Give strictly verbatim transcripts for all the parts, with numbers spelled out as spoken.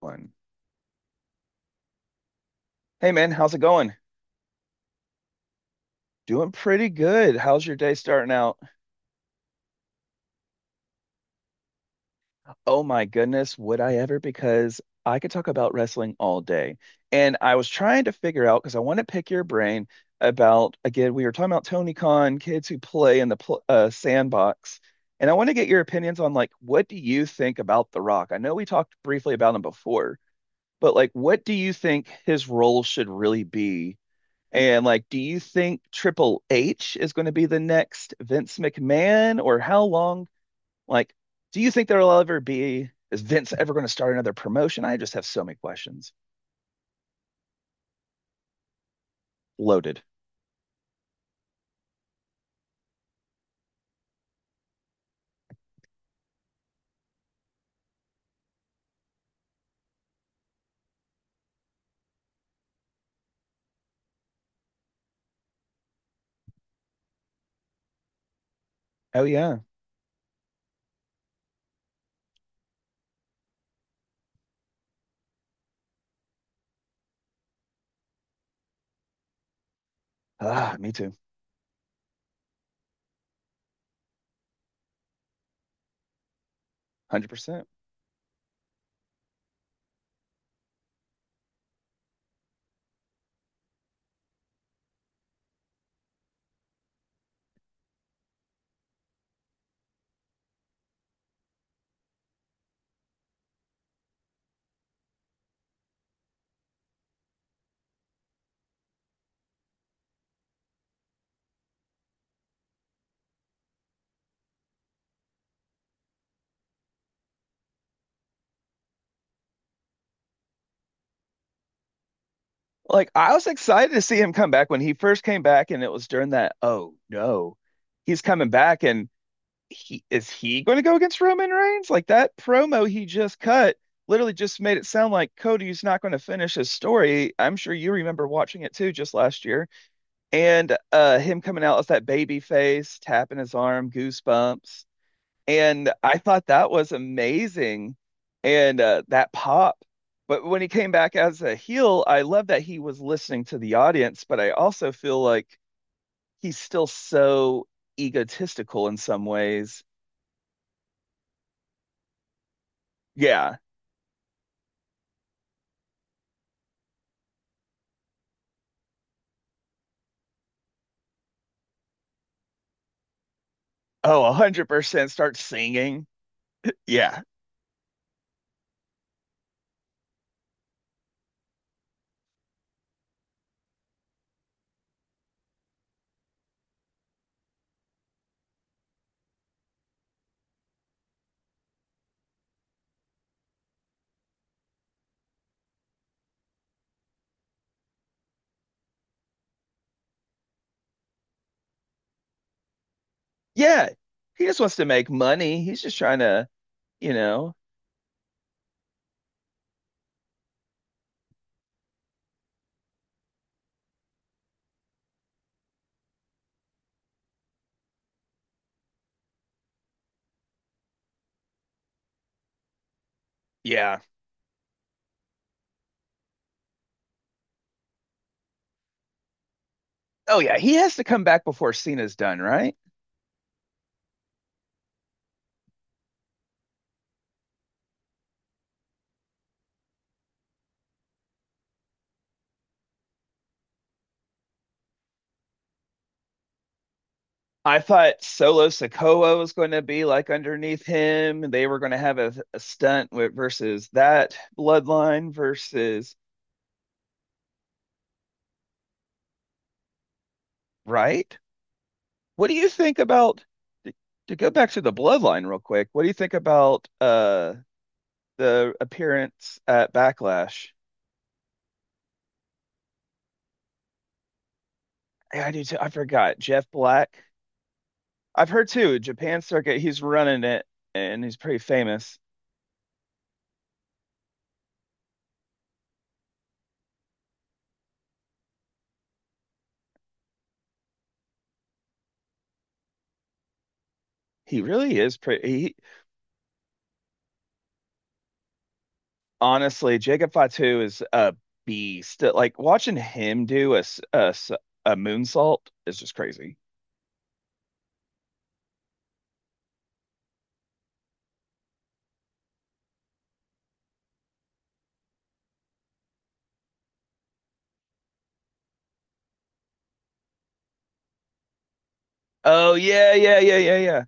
One. Hey man, how's it going? Doing pretty good. How's your day starting out? Oh my goodness, would I ever? Because I could talk about wrestling all day. And I was trying to figure out because I want to pick your brain about, again, we were talking about Tony Khan, kids who play in the pl uh, sandbox. And I want to get your opinions on like, what do you think about The Rock? I know we talked briefly about him before, but like, what do you think his role should really be? And like, do you think Triple H is going to be the next Vince McMahon, or how long? Like, do you think there'll ever be? Is Vince ever going to start another promotion? I just have so many questions. Loaded. Oh yeah. Ah, me too. one Hundred percent. Like, I was excited to see him come back when he first came back, and it was during that. Oh no, he's coming back, and he is he going to go against Roman Reigns? Like that promo he just cut literally just made it sound like Cody's not going to finish his story. I'm sure you remember watching it too just last year. And uh him coming out as that baby face, tapping his arm, goosebumps. And I thought that was amazing. And uh that pop. But when he came back as a heel, I love that he was listening to the audience, but I also feel like he's still so egotistical in some ways. Yeah, oh, one hundred percent start singing. Yeah. Yeah. He just wants to make money. He's just trying to, you know. Yeah. Oh, yeah. He has to come back before Cena's done, right? I thought Solo Sikoa was going to be like underneath him. They were going to have a, a stunt with versus that bloodline versus, right? What do you think about to, to go back to the bloodline real quick? What do you think about uh the appearance at Backlash? Yeah, I do too. I forgot. Jeff Black. I've heard too, Japan circuit, he's running it and he's pretty famous. He really is pretty he, Honestly, Jacob Fatu is a beast. Like watching him do a, s- a, s- a moonsault is just crazy. Oh yeah, yeah, yeah, yeah, yeah.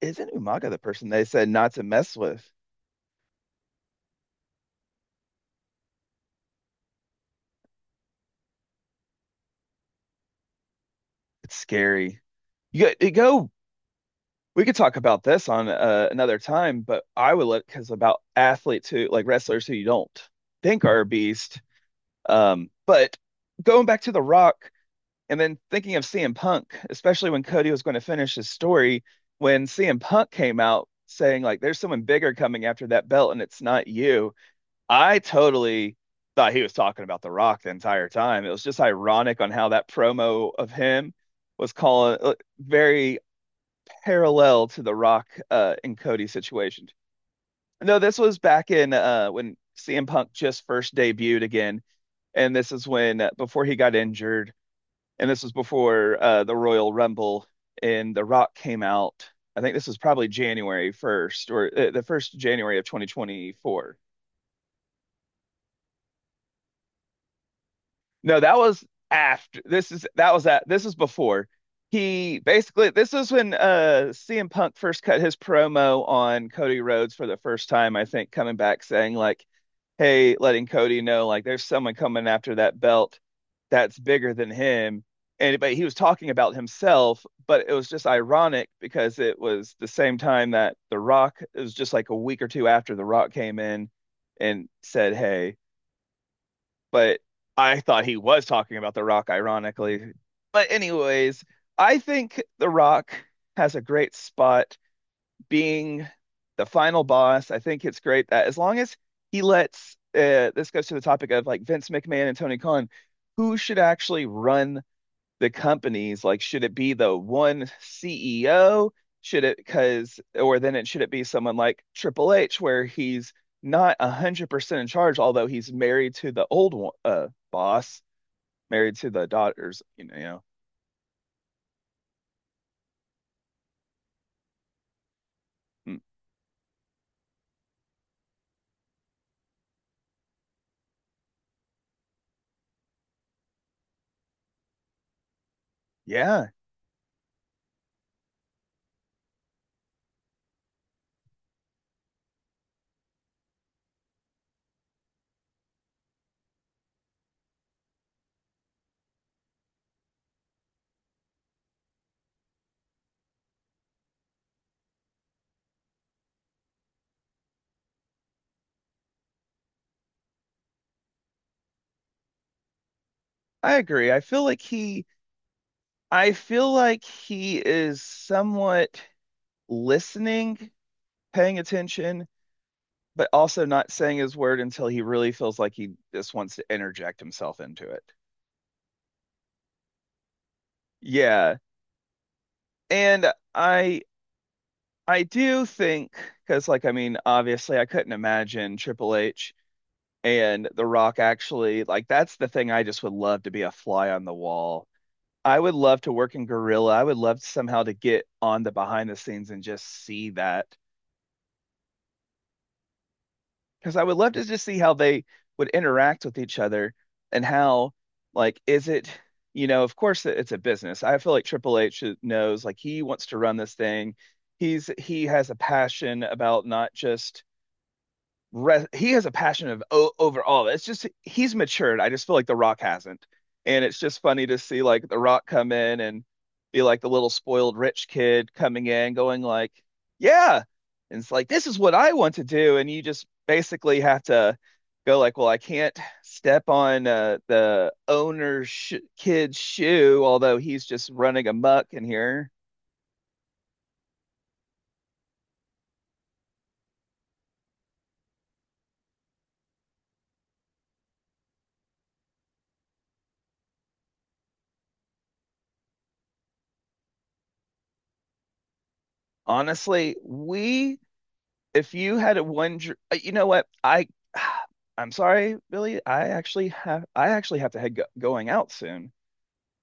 Isn't Umaga the person they said not to mess with? It's scary. You got- you go. We could talk about this on uh, another time, but I would look because about athletes who like wrestlers who you don't think are a beast. Um, but going back to The Rock and then thinking of C M Punk, especially when Cody was going to finish his story, when C M Punk came out saying, like, there's someone bigger coming after that belt and it's not you, I totally thought he was talking about The Rock the entire time. It was just ironic on how that promo of him was calling uh, very parallel to The Rock uh, in Cody's situation. No, this was back in uh, when C M Punk just first debuted again and this is when, uh, before he got injured, and this was before uh, the Royal Rumble and The Rock came out. I think this was probably January first or uh, the first January of twenty twenty-four. No, that was after. This is that was that. This is before. He basically this is when uh C M Punk first cut his promo on Cody Rhodes for the first time, I think, coming back saying like, "Hey, letting Cody know like there's someone coming after that belt that's bigger than him." And but he was talking about himself, but it was just ironic because it was the same time that The Rock, it was just like a week or two after The Rock came in and said, "Hey, but I thought he was talking about The Rock, ironically." But, anyways, I think The Rock has a great spot being the final boss. I think it's great that as long as he lets, uh, this goes to the topic of like Vince McMahon and Tony Khan, who should actually run the companies like should it be the one C E O should it because or then it should it be someone like Triple H where he's not one hundred percent in charge, although he's married to the old uh boss, married to the daughters, you know. Mm, yeah, I agree. I feel like he I feel like he is somewhat listening, paying attention, but also not saying his word until he really feels like he just wants to interject himself into it. Yeah. And I I do think because like I mean obviously I couldn't imagine Triple H and The Rock actually, like, that's the thing. I just would love to be a fly on the wall. I would love to work in Gorilla. I would love somehow to get on the behind the scenes and just see that. Because I would love to just see how they would interact with each other and how, like, is it, you know, of course it- it's a business. I feel like Triple H knows, like, he wants to run this thing. He's he has a passion about not just re- he has a passion of o- over all of it. It's just he's matured. I just feel like The Rock hasn't, and it's just funny to see like The Rock come in and be like the little spoiled rich kid coming in, going like, "Yeah," and it's like this is what I want to do, and you just basically have to go like, "Well, I can't step on uh, the owner's sh kid's shoe," although he's just running amok in here. Honestly, we if you had a one, dr- uh, you know what? I, I'm sorry, Billy. I actually have, I actually have to head go going out soon.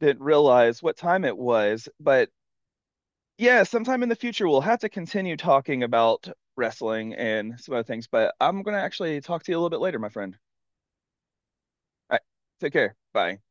Didn't realize what time it was, but yeah, sometime in the future we'll have to continue talking about wrestling and some other things. But I'm gonna actually talk to you a little bit later, my friend. All right, take care. Bye.